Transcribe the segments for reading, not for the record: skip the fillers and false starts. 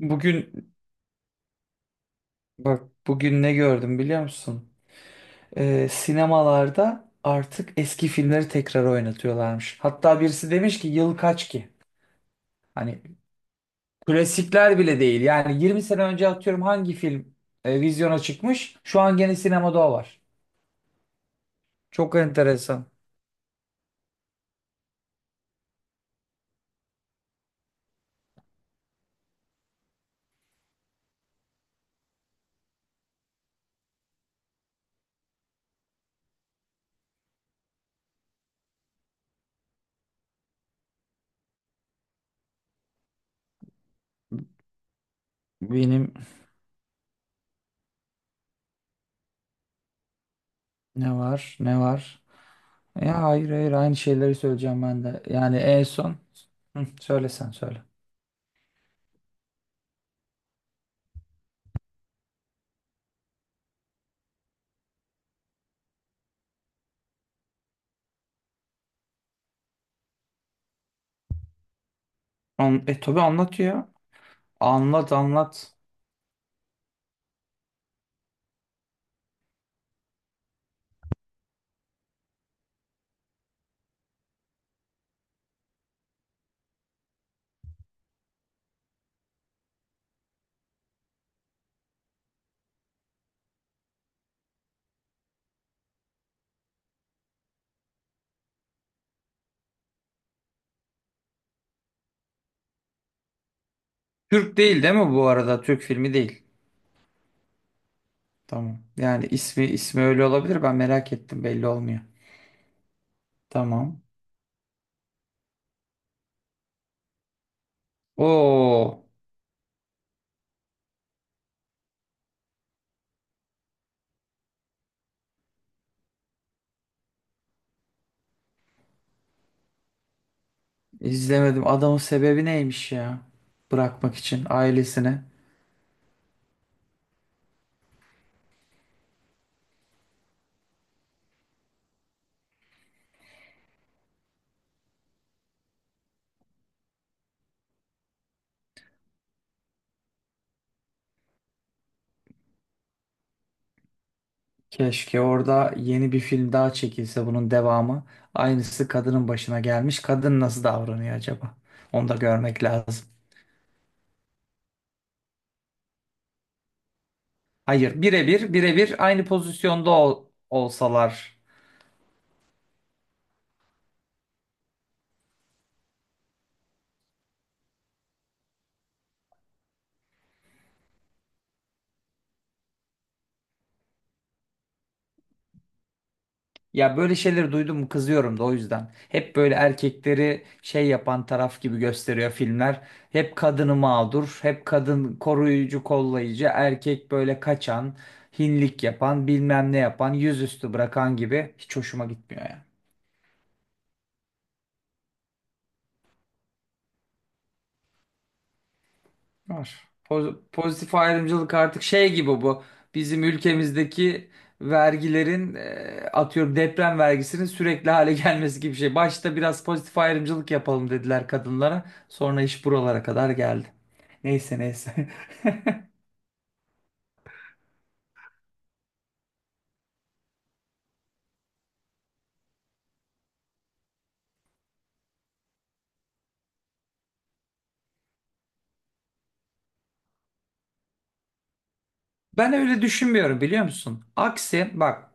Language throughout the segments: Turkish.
Bugün bak bugün ne gördüm biliyor musun? Sinemalarda artık eski filmleri tekrar oynatıyorlarmış. Hatta birisi demiş ki yıl kaç ki? Hani klasikler bile değil. Yani 20 sene önce atıyorum hangi film vizyona çıkmış? Şu an gene sinemada o var. Çok enteresan. Benim ne var ne var? Ya hayır hayır aynı şeyleri söyleyeceğim ben de. Yani en son hı, söyle sen söyle. An tabii anlat ya. Anlat anlat. Türk değil değil mi bu arada? Türk filmi değil. Tamam. Yani ismi ismi öyle olabilir. Ben merak ettim. Belli olmuyor. Tamam. Oo, izlemedim. Adamın sebebi neymiş ya? Bırakmak için ailesine. Keşke orada yeni bir film daha çekilse bunun devamı. Aynısı kadının başına gelmiş. Kadın nasıl davranıyor acaba? Onu da görmek lazım. Hayır, birebir birebir aynı pozisyonda olsalar. Ya böyle şeyleri duydum kızıyorum da o yüzden. Hep böyle erkekleri şey yapan taraf gibi gösteriyor filmler. Hep kadını mağdur, hep kadın koruyucu, kollayıcı, erkek böyle kaçan, hinlik yapan, bilmem ne yapan, yüzüstü bırakan gibi hiç hoşuma gitmiyor ya. Var. Pozitif ayrımcılık artık şey gibi bu. Bizim ülkemizdeki vergilerin atıyorum deprem vergisinin sürekli hale gelmesi gibi bir şey. Başta biraz pozitif ayrımcılık yapalım dediler kadınlara. Sonra iş buralara kadar geldi. Neyse neyse. Ben öyle düşünmüyorum biliyor musun? Aksi bak.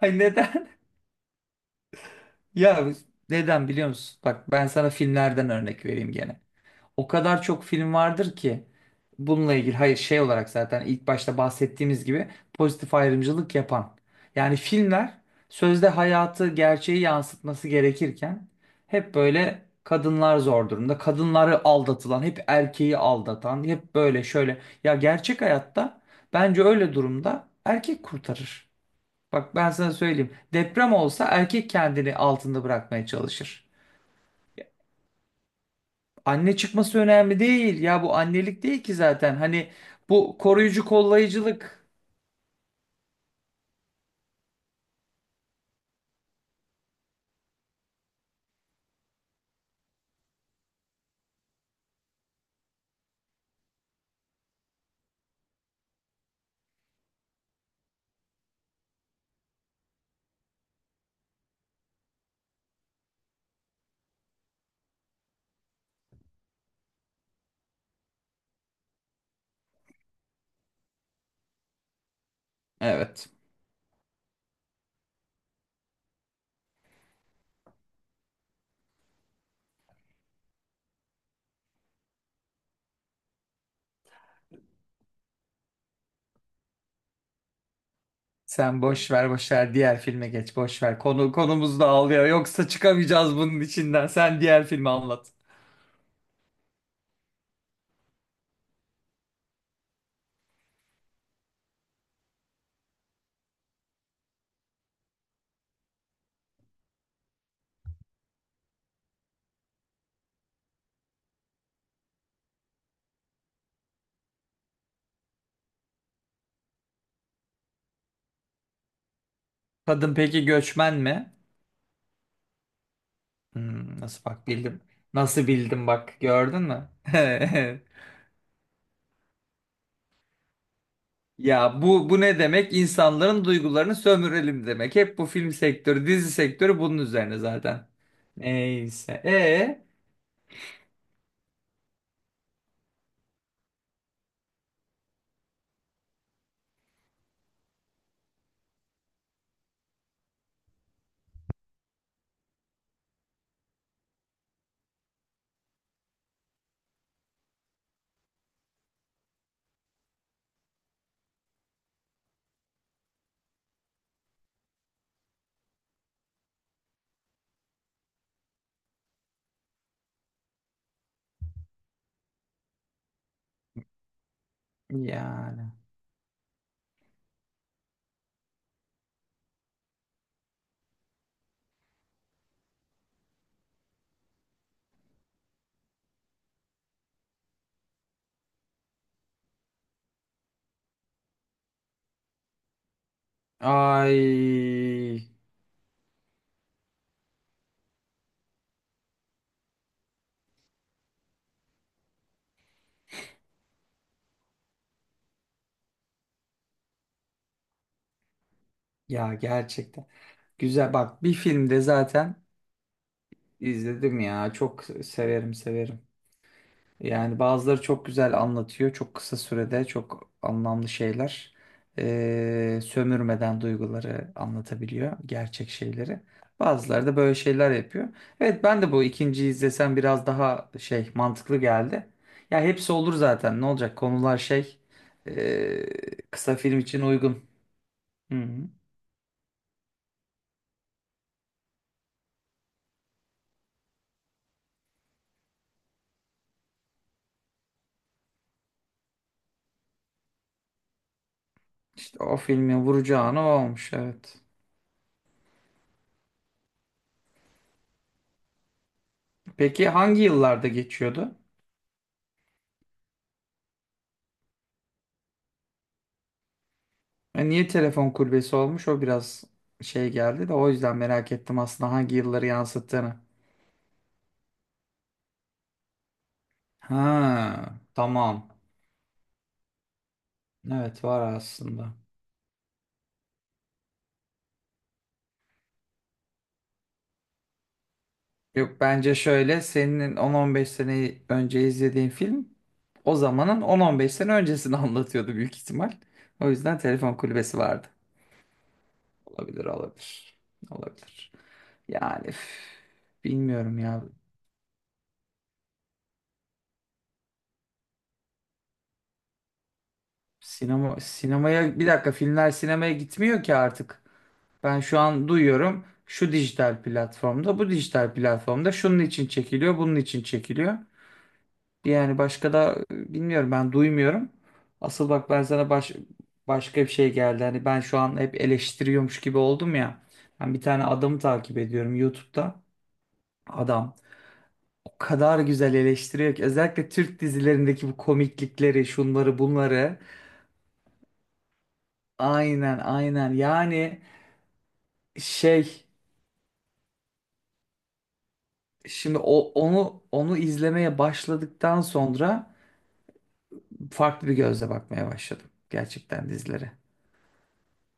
Ay neden? Ya neden biliyor musun? Bak ben sana filmlerden örnek vereyim gene. O kadar çok film vardır ki bununla ilgili hayır şey olarak zaten ilk başta bahsettiğimiz gibi pozitif ayrımcılık yapan. Yani filmler sözde hayatı gerçeği yansıtması gerekirken hep böyle kadınlar zor durumda. Kadınları aldatılan, hep erkeği aldatan, hep böyle şöyle. Ya gerçek hayatta bence öyle durumda erkek kurtarır. Bak ben sana söyleyeyim. Deprem olsa erkek kendini altında bırakmaya çalışır. Anne çıkması önemli değil. Ya bu annelik değil ki zaten. Hani bu koruyucu kollayıcılık. Evet. Sen boş ver boş ver diğer filme geç boş ver. Konu konumuz da ağlıyor. Yoksa çıkamayacağız bunun içinden. Sen diğer filmi anlat. Kadın peki göçmen mi? Hmm, nasıl bak bildim. Nasıl bildim bak gördün mü? Ya bu bu ne demek? İnsanların duygularını sömürelim demek. Hep bu film sektörü, dizi sektörü bunun üzerine zaten. Neyse. E yani. Ay ya gerçekten. Güzel bak bir filmde zaten izledim ya. Çok severim severim. Yani bazıları çok güzel anlatıyor. Çok kısa sürede çok anlamlı şeyler. Sömürmeden duyguları anlatabiliyor. Gerçek şeyleri. Bazıları da böyle şeyler yapıyor. Evet ben de bu ikinciyi izlesem biraz daha şey mantıklı geldi. Ya hepsi olur zaten. Ne olacak? Konular şey ee, kısa film için uygun. Hı, İşte o filmin vuracağını o olmuş evet. Peki hangi yıllarda geçiyordu? Niye telefon kulübesi olmuş? O biraz şey geldi de o yüzden merak ettim aslında hangi yılları yansıttığını. Ha, tamam. Evet var aslında. Yok bence şöyle senin 10-15 sene önce izlediğin film o zamanın 10-15 sene öncesini anlatıyordu büyük ihtimal. O yüzden telefon kulübesi vardı. Olabilir olabilir. Olabilir. Yani üf, bilmiyorum ya. Sinema sinemaya bir dakika filmler sinemaya gitmiyor ki artık. Ben şu an duyuyorum şu dijital platformda, bu dijital platformda şunun için çekiliyor, bunun için çekiliyor. Yani başka da bilmiyorum ben duymuyorum. Asıl bak ben sana başka bir şey geldi. Hani ben şu an hep eleştiriyormuş gibi oldum ya. Ben bir tane adamı takip ediyorum YouTube'da. Adam o kadar güzel eleştiriyor ki özellikle Türk dizilerindeki bu komiklikleri, şunları, bunları. Aynen aynen yani şey şimdi onu izlemeye başladıktan sonra farklı bir gözle bakmaya başladım gerçekten dizilere.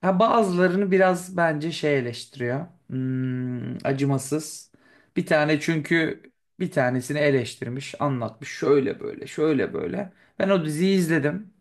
Ha bazılarını biraz bence şey eleştiriyor. Hmm, acımasız. Bir tane çünkü bir tanesini eleştirmiş, anlatmış şöyle böyle, şöyle böyle. Ben o diziyi izledim.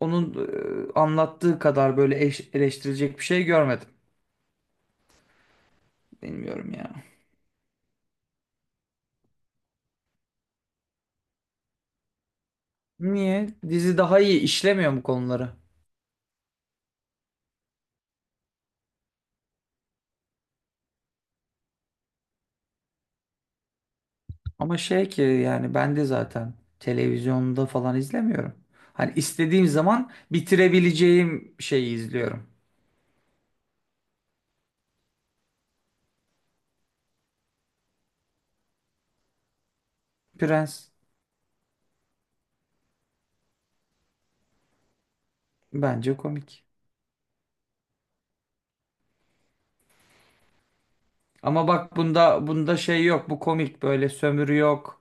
Onun anlattığı kadar böyle eleştirilecek bir şey görmedim. Bilmiyorum ya. Niye? Dizi daha iyi işlemiyor mu konuları? Ama şey ki yani ben de zaten televizyonda falan izlemiyorum. Hani istediğim zaman bitirebileceğim şeyi izliyorum. Prens bence komik. Ama bak bunda bunda şey yok. Bu komik böyle sömürü yok.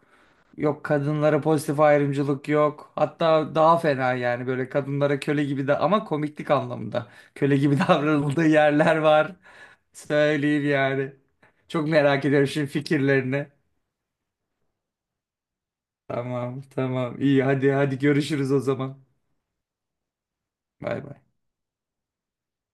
Yok kadınlara pozitif ayrımcılık yok. Hatta daha fena yani böyle kadınlara köle gibi de ama komiklik anlamında. Köle gibi davranıldığı yerler var. Söyleyeyim yani. Çok merak ediyorum şimdi fikirlerini. Tamam tamam iyi hadi hadi görüşürüz o zaman. Bay bay.